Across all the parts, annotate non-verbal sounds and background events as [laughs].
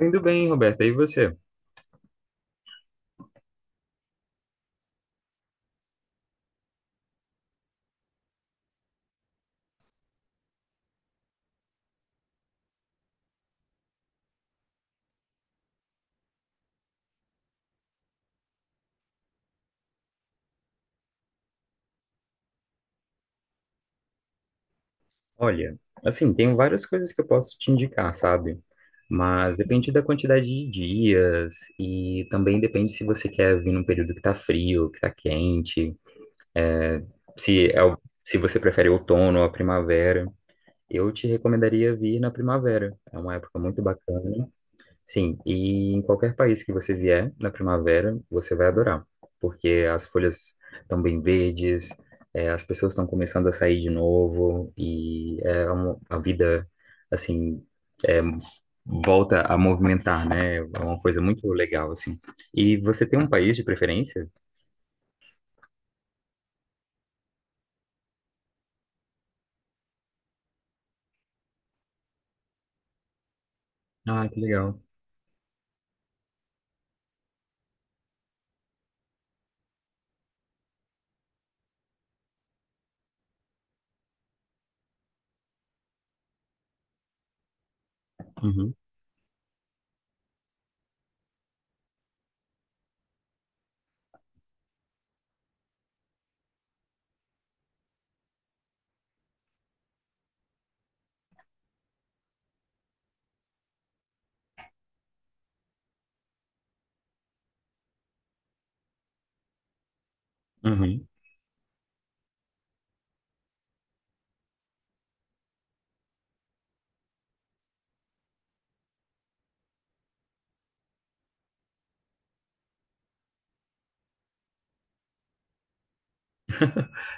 Indo bem, Roberta. E você? Olha, assim, tem várias coisas que eu posso te indicar, sabe? Mas depende da quantidade de dias e também depende se você quer vir num período que tá frio, que tá quente, se é o- se você prefere outono ou a primavera. Eu te recomendaria vir na primavera. É uma época muito bacana. Sim, e em qualquer país que você vier na primavera, você vai adorar, porque as folhas estão bem verdes, as pessoas estão começando a sair de novo, e a vida, assim, eh, volta a movimentar, né? É uma coisa muito legal, assim. E você tem um país de preferência? Ah, que legal. Uhum. Uhum.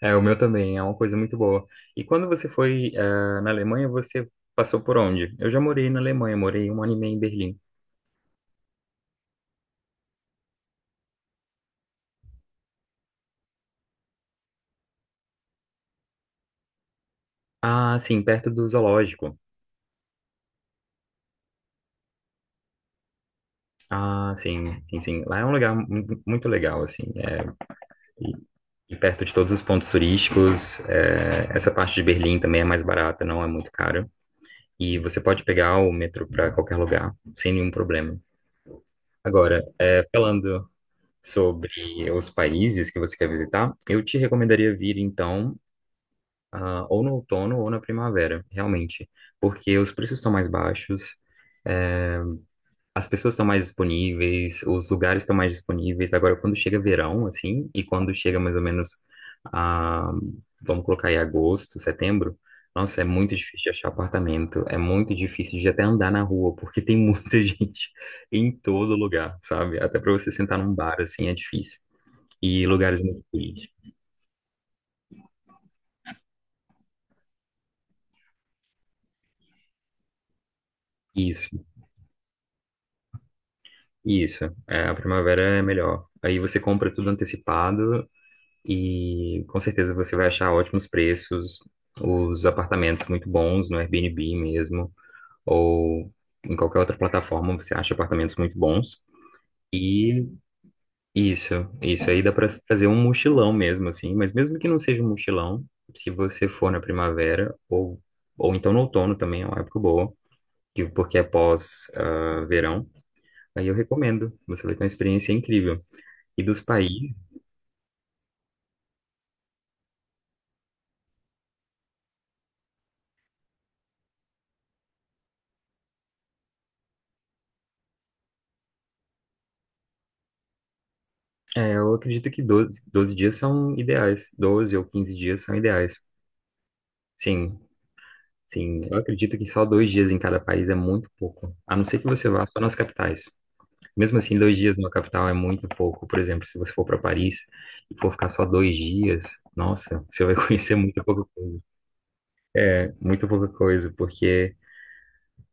É, o meu também, é uma coisa muito boa. E quando você foi, na Alemanha, você passou por onde? Eu já morei na Alemanha, morei um ano e meio em Berlim. Ah, sim, perto do zoológico. Ah, sim, sim, sim. Lá é um lugar muito legal, assim. É, e, e perto de todos os pontos turísticos. Essa parte de Berlim também é mais barata, não é muito cara. E você pode pegar o metrô para qualquer lugar, sem nenhum problema. Agora, falando sobre os países que você quer visitar, eu te recomendaria vir, então, ou no outono ou na primavera, realmente. Porque os preços estão mais baixos. é, As pessoas estão mais disponíveis, os lugares estão mais disponíveis. Agora, quando chega verão, assim, e quando chega mais ou menos, a, vamos colocar aí agosto, setembro, nossa, é muito difícil de achar apartamento, é muito difícil de até andar na rua, porque tem muita [laughs] gente em todo lugar, sabe? Até para você sentar num bar, assim, é difícil. E lugares muito turísticos. Isso, isso. É, a primavera é melhor. Aí você compra tudo antecipado. E com certeza você vai achar ótimos preços, os apartamentos muito bons no Airbnb mesmo, ou em qualquer outra plataforma você acha apartamentos muito bons. E isso, isso aí dá para fazer um mochilão mesmo, assim, mas mesmo que não seja um mochilão, se você for na primavera, ou então no outono também é uma época boa, porque é pós, verão, aí eu recomendo, você vai ter uma experiência incrível. E dos países. É, eu acredito que doze dias são ideais. 12 ou 15 dias são ideais. Sim, sim. Eu acredito que só 2 dias em cada país é muito pouco. A não ser que você vá só nas capitais. Mesmo assim, 2 dias numa capital é muito pouco. Por exemplo, se você for para Paris e for ficar só 2 dias, nossa, você vai [laughs] conhecer muito pouca coisa. É, muito pouca coisa, porque,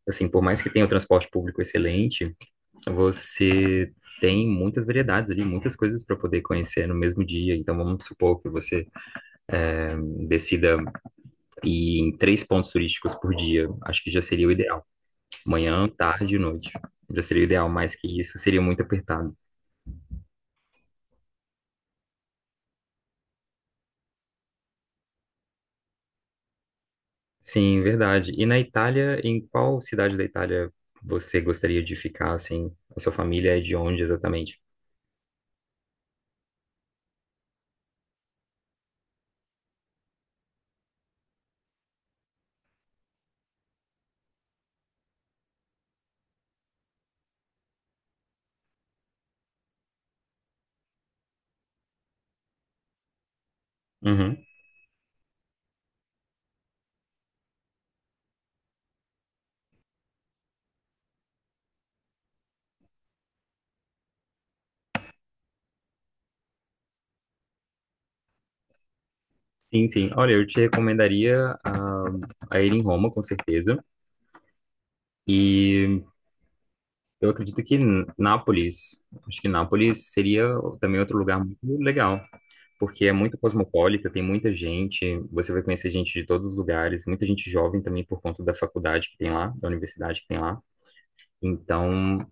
assim, por mais que tenha o transporte público excelente, você. Tem muitas variedades ali, muitas coisas para poder conhecer no mesmo dia. Então, vamos supor que você eh, decida e em três pontos turísticos por dia, acho que já seria o ideal. Manhã, tarde e noite. Já seria o ideal, mais que isso seria muito apertado. Sim, verdade. E na Itália, em qual cidade da Itália você gostaria de ficar, assim? A sua família é de onde exatamente? Uhum. Sim, sim. Olha, eu te recomendaria a ir em Roma, com certeza. E eu acredito que Nápoles, acho que Nápoles seria também outro lugar muito legal, porque é muito cosmopolita, tem muita gente, você vai conhecer gente de todos os lugares, muita gente jovem também por conta da faculdade que tem lá, da universidade que tem lá. Então,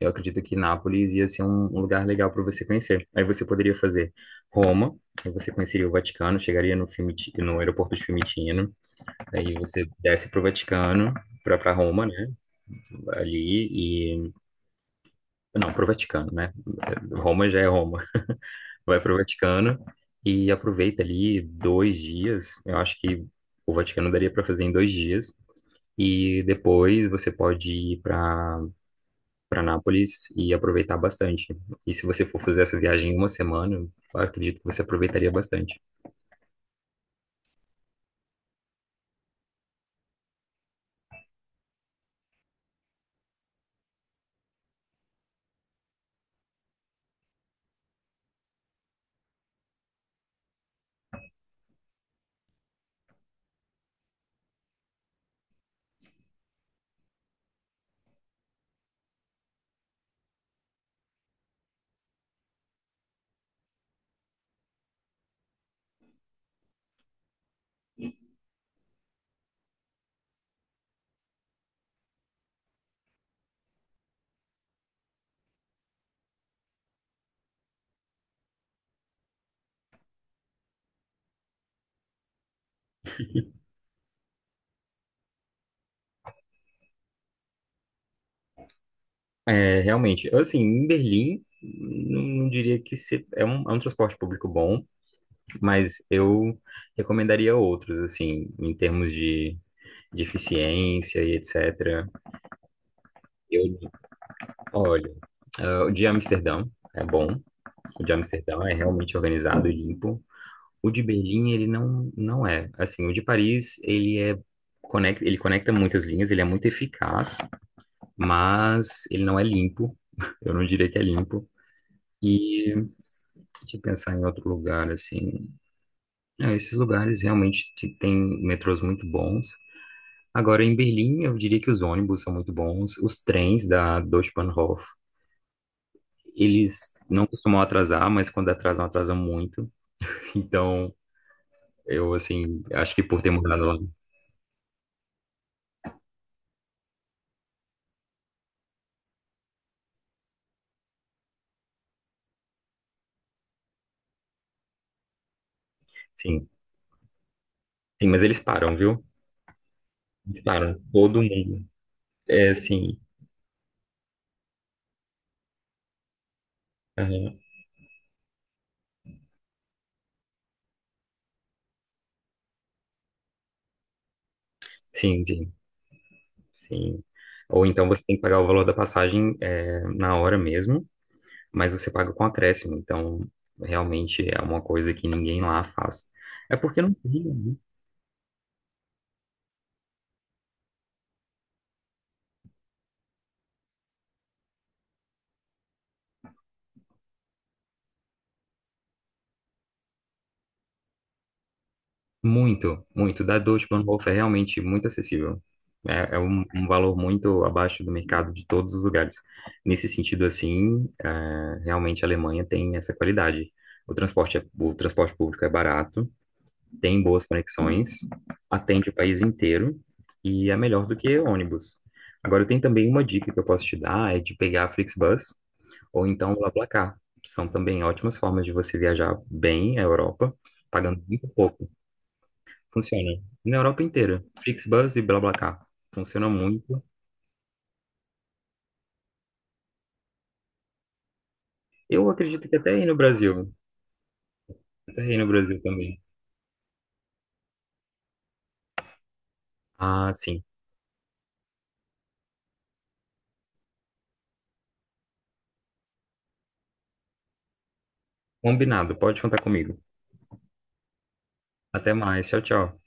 eu acredito que Nápoles ia ser um lugar legal para você conhecer. Aí você poderia fazer Roma, aí você conheceria o Vaticano, chegaria no aeroporto de Fiumicino, aí você desce para o Vaticano, para Roma, né? Ali e não, para o Vaticano, né? Roma já é Roma. Vai para o Vaticano e aproveita ali 2 dias. Eu acho que o Vaticano daria para fazer em 2 dias. E depois você pode ir para Nápoles e aproveitar bastante. E se você for fazer essa viagem em uma semana, eu acredito que você aproveitaria bastante. É, realmente, eu, assim, em Berlim, não diria que é um transporte público bom, mas eu recomendaria outros, assim, em termos de eficiência e etc. Eu Olha, o de Amsterdã é bom. O de Amsterdã é realmente organizado e limpo. O de Berlim, ele não é. Assim, o de Paris, ele conecta muitas linhas, ele é muito eficaz, mas ele não é limpo. [laughs] Eu não diria que é limpo. E deixa eu pensar em outro lugar, assim. É, esses lugares realmente têm metrôs muito bons. Agora, em Berlim, eu diria que os ônibus são muito bons. Os trens da Deutsche Bahnhof. Eles não costumam atrasar, mas quando atrasam, atrasam muito. Então, eu, assim, acho que por ter mudado lá. Sim, sim, mas eles param, viu? Eles param, todo mundo. É, sim, aham, sim, sim, sim. Ou então você tem que pagar o valor da passagem na hora mesmo, mas você paga com acréscimo. Então, realmente é uma coisa que ninguém lá faz. É porque não tem, né? Muito, muito. Da Deutsche Bahnhof é realmente muito acessível. É um valor muito abaixo do mercado de todos os lugares. Nesse sentido, assim, realmente a Alemanha tem essa qualidade. O transporte público é barato, tem boas conexões, atende o país inteiro e é melhor do que ônibus. Agora, tem também uma dica que eu posso te dar, é de pegar a Flixbus ou então o BlaBlaCar. São também ótimas formas de você viajar bem a Europa, pagando muito pouco. Funciona. Na Europa inteira. Flixbus e BlaBlaCar. Funciona muito. Eu acredito que até aí no Brasil. Até aí no Brasil também. Ah, sim. Combinado. Pode contar comigo. Até mais. Tchau, tchau.